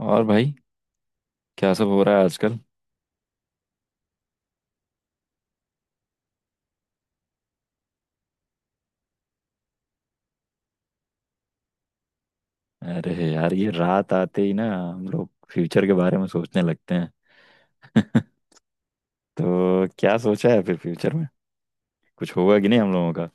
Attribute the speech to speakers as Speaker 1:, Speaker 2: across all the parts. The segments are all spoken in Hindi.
Speaker 1: और भाई, क्या सब हो रहा है आजकल? अरे यार, ये रात आते ही ना हम लोग फ्यूचर के बारे में सोचने लगते हैं। तो क्या सोचा है फिर फ्यूचर में? कुछ होगा कि नहीं हम लोगों का?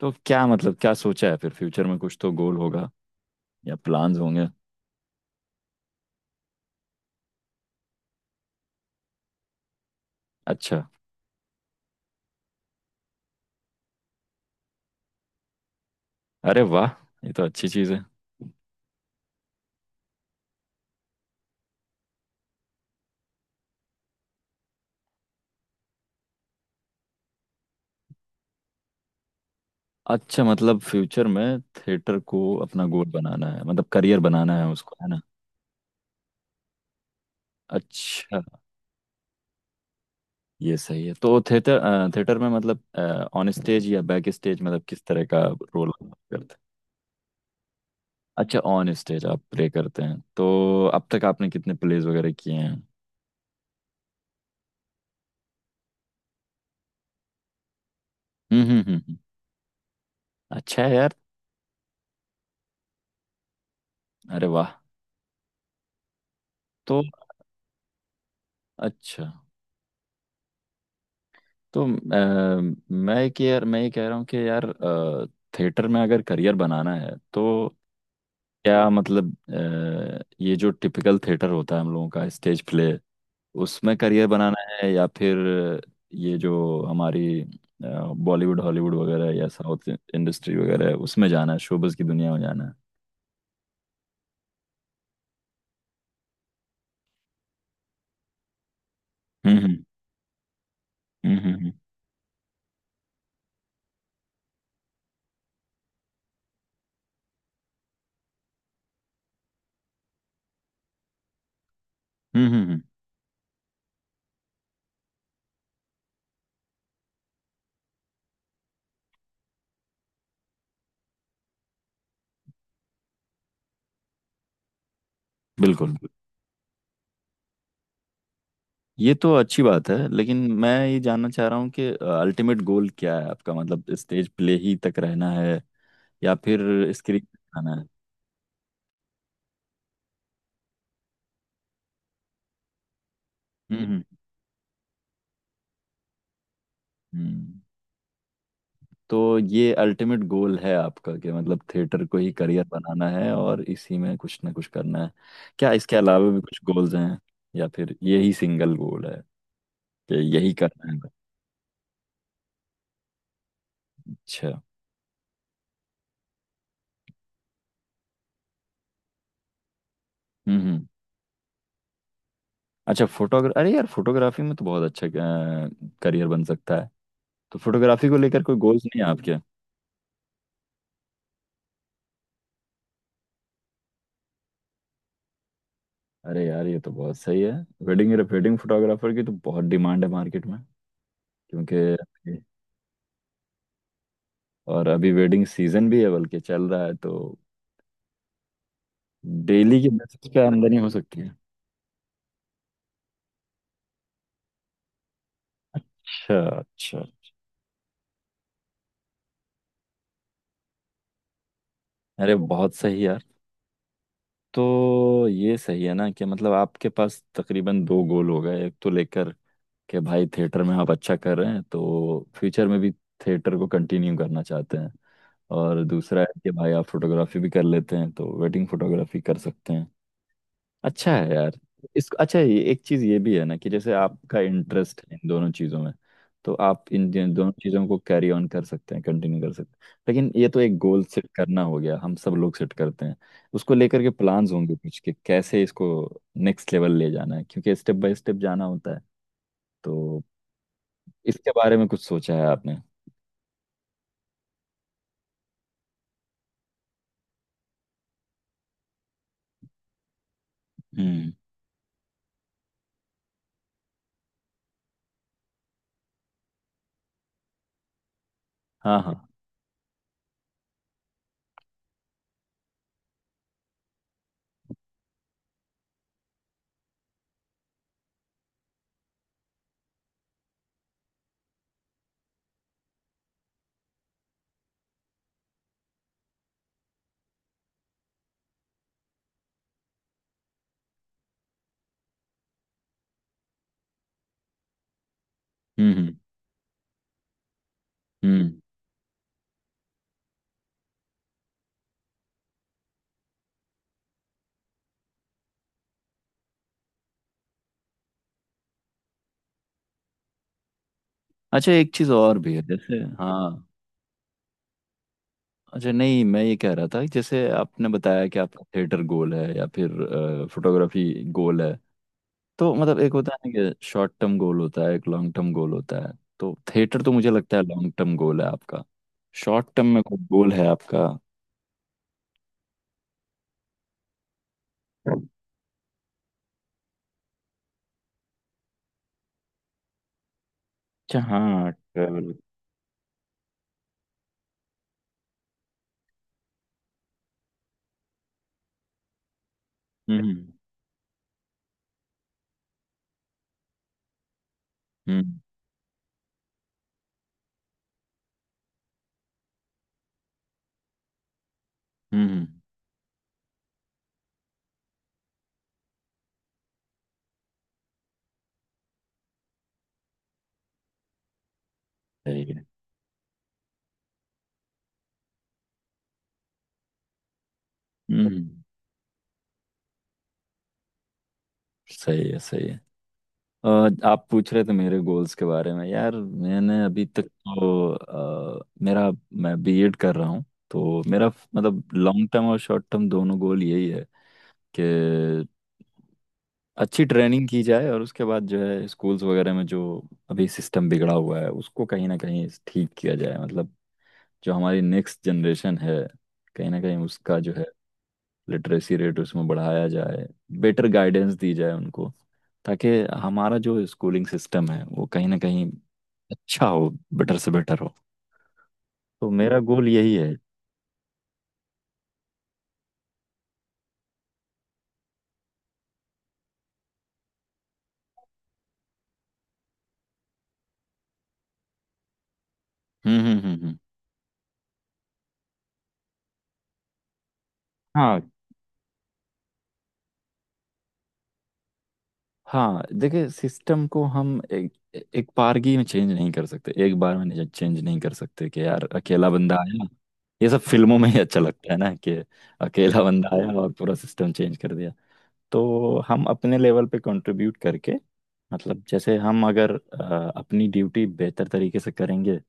Speaker 1: तो क्या मतलब, क्या सोचा है फिर फ्यूचर में? कुछ तो गोल होगा या प्लान्स होंगे। अच्छा। अरे वाह, ये तो अच्छी चीज़ है। अच्छा, मतलब फ्यूचर में थिएटर को अपना गोल बनाना है, मतलब करियर बनाना है उसको, है ना? अच्छा। ये सही है। तो थिएटर थिएटर में मतलब ऑन स्टेज या बैक स्टेज, मतलब किस तरह का रोल करते हैं? अच्छा, ऑन स्टेज आप प्ले करते हैं। तो अब तक आपने कितने प्लेज वगैरह किए हैं? हम्म, हम्म, हम्म, अच्छा है यार। अरे वाह। तो अच्छा। तो अ, मैं कि यार मैं ये कह रहा हूँ कि यार, थिएटर में अगर करियर बनाना है तो क्या मतलब, ये जो टिपिकल थिएटर होता है हम लोगों का, स्टेज प्ले, उसमें करियर बनाना है या फिर ये जो हमारी बॉलीवुड, हॉलीवुड वगैरह या साउथ इंडस्ट्री वगैरह है, उसमें जाना है, शोबिज की दुनिया में जाना है? हम्म, हम्म, हम्म, हम्म। हम्म। बिल्कुल। ये तो अच्छी बात है, लेकिन मैं ये जानना चाह रहा हूँ कि अल्टीमेट गोल क्या है आपका? मतलब स्टेज प्ले ही तक रहना है या फिर स्क्रीन आना है? हम्म, हम्म। हम्म। तो ये अल्टीमेट गोल है आपका कि मतलब थिएटर को ही करियर बनाना है और इसी में कुछ ना कुछ करना है? क्या इसके अलावा भी कुछ गोल्स हैं, या फिर यही सिंगल गोल है कि यही करना है? अच्छा। हम्म, हम्म। अच्छा, फोटोग्राफ, अरे यार, फोटोग्राफी में तो बहुत अच्छा करियर बन सकता है। तो फोटोग्राफी को लेकर कोई गोल्स नहीं है आपके? अरे यार, ये तो बहुत सही है। वेडिंग वेडिंग फोटोग्राफर की तो बहुत डिमांड है मार्केट में, क्योंकि, और अभी वेडिंग सीजन भी है, बल्कि चल रहा है, तो डेली की बेसिस पे आमदनी हो सकती है। अच्छा, अच्छा। अरे बहुत सही यार। तो ये सही है ना कि मतलब आपके पास तकरीबन दो गोल हो गए। एक तो लेकर के भाई, थिएटर में आप अच्छा कर रहे हैं तो फ्यूचर में भी थिएटर को कंटिन्यू करना चाहते हैं, और दूसरा है कि भाई आप फोटोग्राफी भी कर लेते हैं तो वेडिंग फोटोग्राफी कर सकते हैं। अच्छा है यार। इस अच्छा, ये एक चीज ये भी है ना कि जैसे आपका इंटरेस्ट है इन दोनों चीजों में, तो आप इन दोनों चीजों को कैरी ऑन कर सकते हैं, कंटिन्यू कर सकते हैं। लेकिन ये तो एक गोल सेट करना हो गया, हम सब लोग सेट करते हैं। उसको लेकर के प्लान्स होंगे कुछ कि कैसे इसको नेक्स्ट लेवल ले जाना है, क्योंकि स्टेप बाय स्टेप जाना होता है। तो इसके बारे में कुछ सोचा है आपने? हम्म। हाँ, हाँ। हम्म, हम्म, हम्म। अच्छा, एक चीज और भी है, जैसे, हाँ, अच्छा, नहीं, मैं ये कह रहा था कि जैसे आपने बताया कि आपका थिएटर गोल है या फिर फोटोग्राफी गोल है, तो मतलब एक होता है ना कि शॉर्ट टर्म गोल होता है, एक लॉन्ग टर्म गोल होता है। तो थिएटर तो मुझे लगता है लॉन्ग टर्म गोल है आपका। शॉर्ट टर्म में कोई गोल है आपका? अच्छा। हाँ, ट्रेवल। हम्म, हम्म, हम्म। सही है। हम्म। सही है, सही है। और आप पूछ रहे थे मेरे गोल्स के बारे में। यार, मैंने अभी तक तो, मेरा, मैं बीएड कर रहा हूँ, तो मेरा मतलब लॉन्ग टर्म और शॉर्ट टर्म दोनों गोल यही है कि अच्छी ट्रेनिंग की जाए, और उसके बाद जो है स्कूल्स वगैरह में जो अभी सिस्टम बिगड़ा हुआ है उसको कहीं ना कहीं ठीक किया जाए। मतलब जो हमारी नेक्स्ट जनरेशन है, कहीं ना कहीं उसका जो है लिटरेसी रेट उसमें बढ़ाया जाए, बेटर गाइडेंस दी जाए उनको, ताकि हमारा जो स्कूलिंग सिस्टम है वो कहीं ना कहीं अच्छा हो, बेटर से बेटर हो। तो मेरा गोल यही है। हम्म, हम्म, हम्म, हाँ, हाँ, देखिए, सिस्टम को हम एक एक बारगी में चेंज नहीं कर सकते, एक बार में चेंज नहीं कर सकते कि यार अकेला बंदा आया। ये सब फिल्मों में ही अच्छा लगता है ना कि अकेला बंदा आया और पूरा सिस्टम चेंज कर दिया। तो हम अपने लेवल पे कंट्रीब्यूट करके, मतलब जैसे हम अगर अपनी ड्यूटी बेहतर तरीके से करेंगे,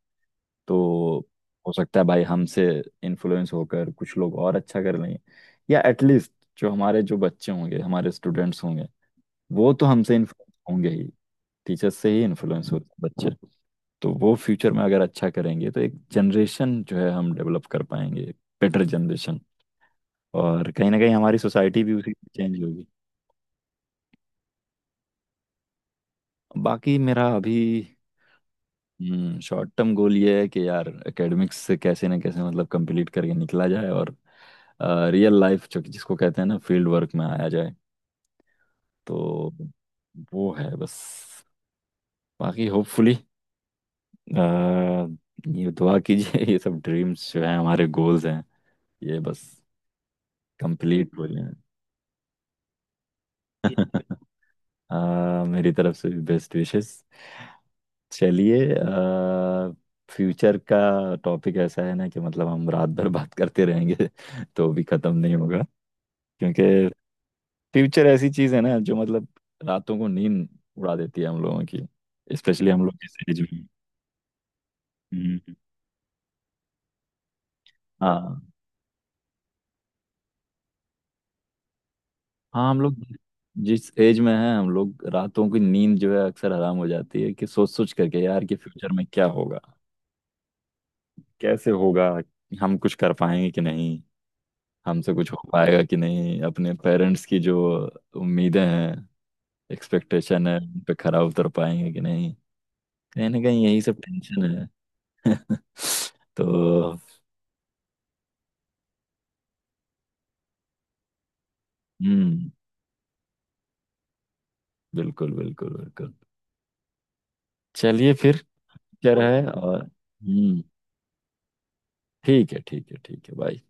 Speaker 1: तो हो सकता है भाई हमसे इन्फ्लुएंस होकर कुछ लोग और अच्छा कर लेंगे, या एटलीस्ट जो हमारे जो बच्चे होंगे, हमारे स्टूडेंट्स होंगे, वो तो हमसे इन्फ्लुएंस होंगे ही। टीचर्स से ही इन्फ्लुएंस होते हैं बच्चे। तो वो फ्यूचर में अगर अच्छा करेंगे तो एक जनरेशन जो है हम डेवलप कर पाएंगे, बेटर जनरेशन, और कहीं ना कहीं हमारी सोसाइटी भी उसी चेंज होगी। बाकी मेरा अभी, हम्म, शॉर्ट टर्म गोल ये है कि यार एकेडमिक्स से कैसे ना कैसे मतलब कंप्लीट करके निकला जाए, और रियल लाइफ, जो जिसको कहते हैं ना, फील्ड वर्क में आया जाए। तो वो है बस। बाकी होपफुली, ये दुआ कीजिए, ये सब ड्रीम्स जो हैं, हमारे गोल्स हैं, ये बस कंप्लीट हो जाए। मेरी तरफ से भी बेस्ट विशेस। चलिए, फ्यूचर का टॉपिक ऐसा है ना कि मतलब हम रात भर बात करते रहेंगे तो भी खत्म नहीं होगा, क्योंकि फ्यूचर ऐसी चीज है ना जो मतलब रातों को नींद उड़ा देती है हम लोगों की, स्पेशली हम लोग जिस एज में। हम्म। हाँ, हाँ, हम लोग जिस एज में हैं, हम लोग रातों की नींद जो है अक्सर हराम हो जाती है कि सोच सोच करके यार कि फ्यूचर में क्या होगा, कैसे होगा, हम कुछ कर पाएंगे कि नहीं, हमसे कुछ हो पाएगा कि नहीं, अपने पेरेंट्स की जो उम्मीदें हैं, एक्सपेक्टेशन है, उन पे खरा उतर पाएंगे कि नहीं, कहीं ना कहीं यही सब टेंशन है। तो, हम्म, बिल्कुल, बिल्कुल, बिल्कुल। चलिए फिर, क्या रहा है, और हम्म, ठीक है, ठीक है, ठीक है, बाय।